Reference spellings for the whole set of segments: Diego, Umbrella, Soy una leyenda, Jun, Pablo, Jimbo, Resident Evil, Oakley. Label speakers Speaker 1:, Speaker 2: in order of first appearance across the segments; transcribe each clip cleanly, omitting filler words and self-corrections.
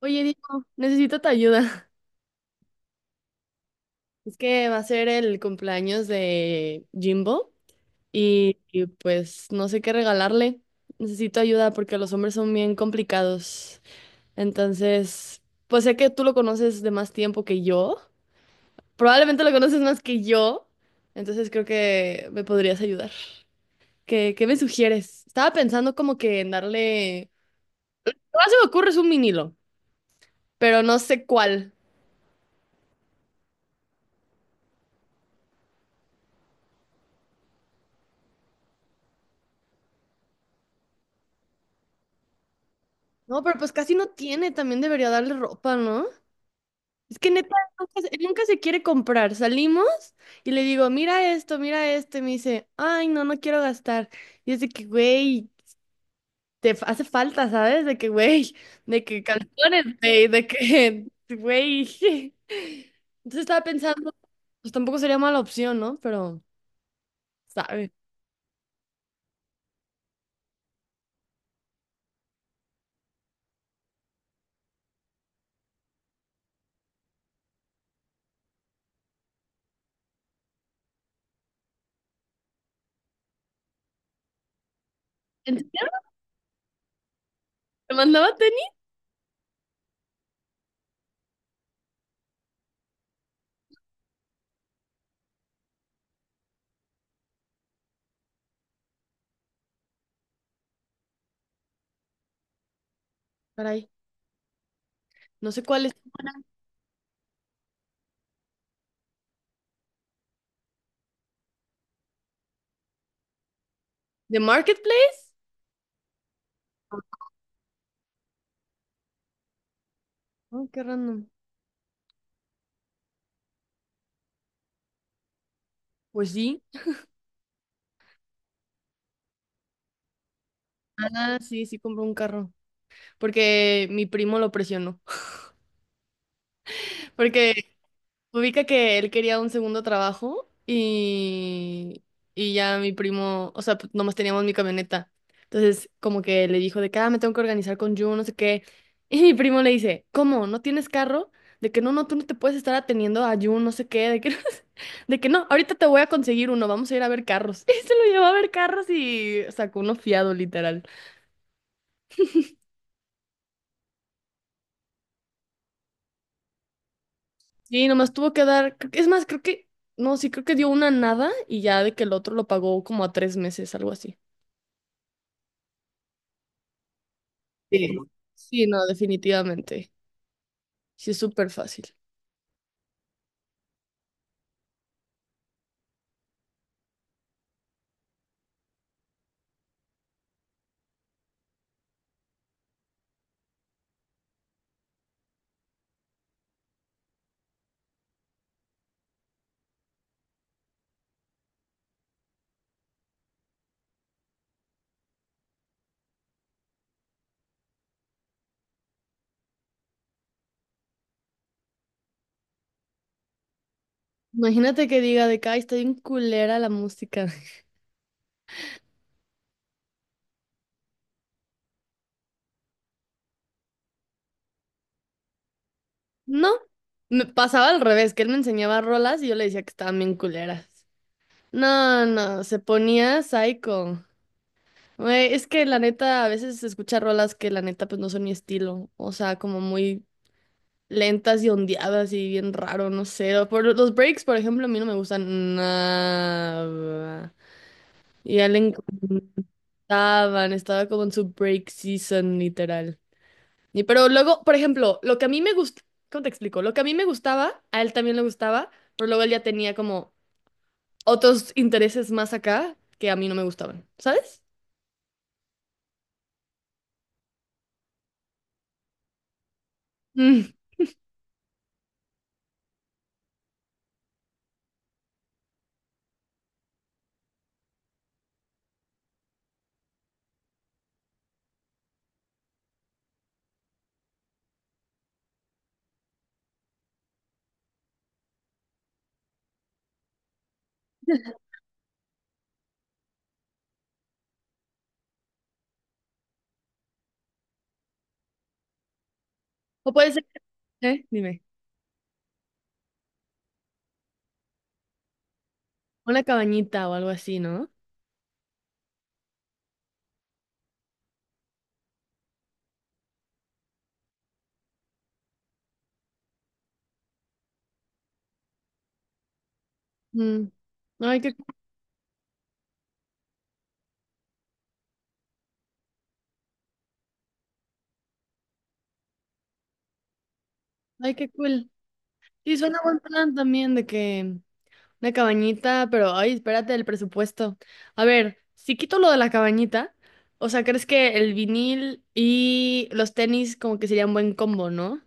Speaker 1: Oye, Diego, necesito tu ayuda. Es que va a ser el cumpleaños de Jimbo y pues no sé qué regalarle. Necesito ayuda porque los hombres son bien complicados. Entonces, pues sé que tú lo conoces de más tiempo que yo. Probablemente lo conoces más que yo. Entonces creo que me podrías ayudar. ¿Qué me sugieres? Estaba pensando como que en darle. Lo más que se me ocurre es un vinilo, pero no sé cuál. No, pero pues casi no tiene. También debería darle ropa, ¿no? Es que neta, nunca se quiere comprar. Salimos y le digo, mira esto, mira esto. Y me dice, ay, no, no quiero gastar. Y es de que, güey, hace falta, ¿sabes? De que, güey, de que calzones, güey, de que, güey. Entonces estaba pensando, pues tampoco sería mala opción, ¿no? Pero, ¿sabes? ¿En serio? ¿Me mandaba tenis? Caray, no sé cuál es. ¿De Marketplace? Oh, qué random. Pues sí. Ah, sí, sí compró un carro. Porque mi primo lo presionó. Porque ubica que él quería un segundo trabajo y ya mi primo, o sea, pues, nomás teníamos mi camioneta. Entonces, como que le dijo de que, ah, me tengo que organizar con Jun, no sé qué. Y mi primo le dice, ¿cómo? ¿No tienes carro? De que no, no, tú no te puedes estar atendiendo a Jun, no sé qué, de que, de que no, ahorita te voy a conseguir uno, vamos a ir a ver carros. Y se lo llevó a ver carros y sacó uno fiado, literal. Sí, nomás tuvo que dar, es más, creo que dio una nada y ya de que el otro lo pagó como a tres meses, algo así. Sí. Sí, no, definitivamente. Sí, es súper fácil. Imagínate que diga de que, ay, está bien culera la música. No, me pasaba al revés, que él me enseñaba rolas y yo le decía que estaban bien culeras. No, no, se ponía psycho. Güey, es que la neta, a veces se escucha rolas que la neta pues no son mi estilo. O sea, como muy lentas y ondeadas y bien raro, no sé. O por los breaks, por ejemplo, a mí no me gustan nada. Y a él le encanta. Estaba como en su break season, literal. Y pero luego, por ejemplo, lo que a mí me gusta, ¿cómo te explico? Lo que a mí me gustaba, a él también le gustaba, pero luego él ya tenía como otros intereses más acá que a mí no me gustaban, ¿sabes? Mm. O puede ser, ¿eh? Dime, una cabañita o algo así, ¿no? Mm. Ay, qué, ay, qué cool. Sí, suena buen plan también de que una cabañita, pero ay, espérate el presupuesto. A ver, si quito lo de la cabañita, o sea, ¿crees que el vinil y los tenis como que serían buen combo, ¿no?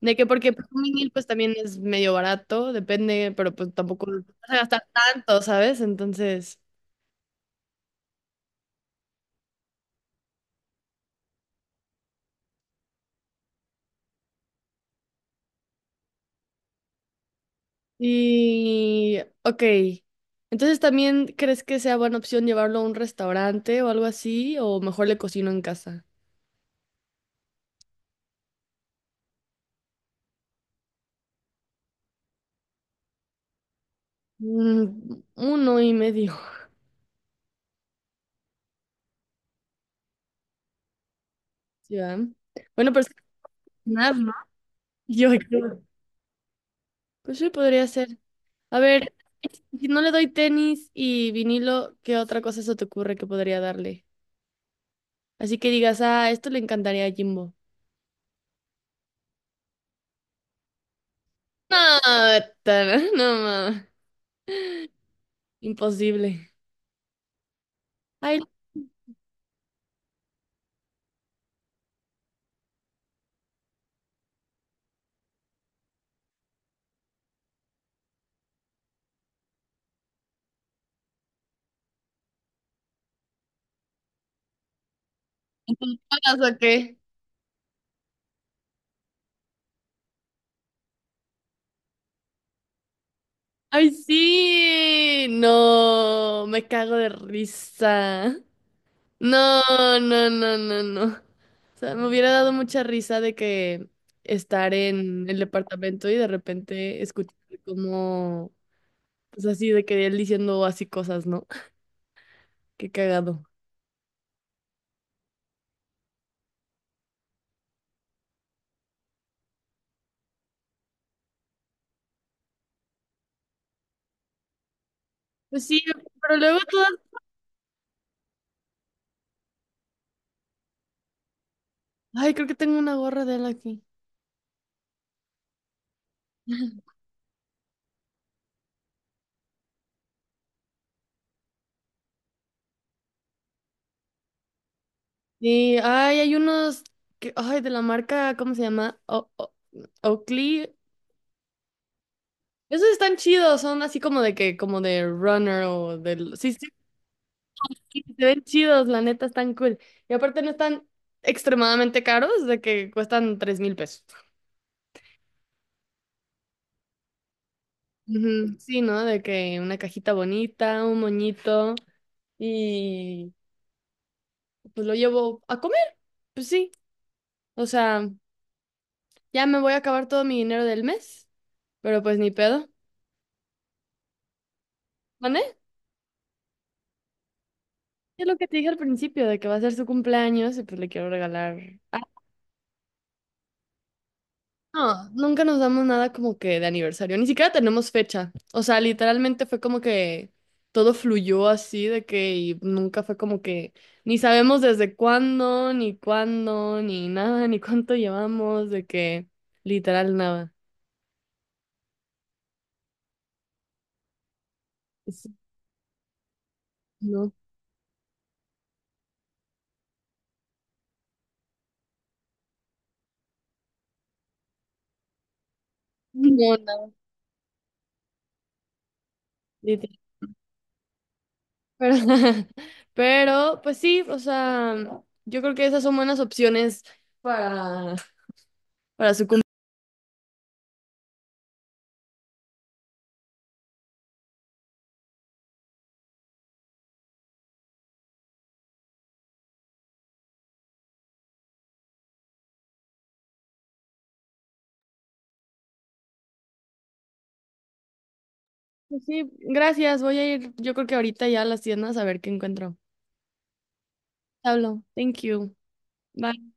Speaker 1: De que porque pues, un vinil pues también es medio barato, depende, pero pues tampoco vas a gastar tanto, ¿sabes? Entonces, y ok. Entonces, ¿también crees que sea buena opción llevarlo a un restaurante o algo así? ¿O mejor le cocino en casa? Mm, uno y medio. ¿sí, va? Bueno, pero es que yo creo. Pues sí, podría ser. A ver, si no le doy tenis y vinilo, ¿qué otra cosa se te ocurre que podría darle? Así que digas, ah, esto le encantaría a Jimbo. No, no, ma. Imposible. Ay, ¿Pagas o qué? Ay, sí. No, me cago de risa. No, no, no, no, no. O sea, me hubiera dado mucha risa de que estar en el departamento y de repente escuchar como, pues así, de que él diciendo así cosas, ¿no? Qué cagado. Pues sí, pero luego todas. Ay, creo que tengo una gorra de él aquí. Sí, ay, hay unos que, ay, de la marca, ¿cómo se llama? Oakley. Esos están chidos, son así como de que, como de runner o del. Sí, sí, sí, se ven chidos, la neta, están cool. Y aparte no están extremadamente caros, de que cuestan 3,000 pesos. Ujú, sí, ¿no? De que una cajita bonita, un moñito y pues lo llevo a comer, pues sí. O sea, ya me voy a acabar todo mi dinero del mes, pero pues ni pedo. ¿Mané? Es lo que te dije al principio, de que va a ser su cumpleaños y pues le quiero regalar. No, nunca nos damos nada como que de aniversario, ni siquiera tenemos fecha. O sea, literalmente fue como que todo fluyó así de que y nunca fue como que ni sabemos desde cuándo, ni nada, ni cuánto llevamos, de que literal nada. Es- No, no, nada, literal. Pero, pero, pues sí, o sea, yo creo que esas son buenas opciones para, para su cumpleaños. Pues sí, gracias. Voy a ir, yo creo que ahorita ya a las tiendas a ver qué encuentro. Pablo, thank you. Bye.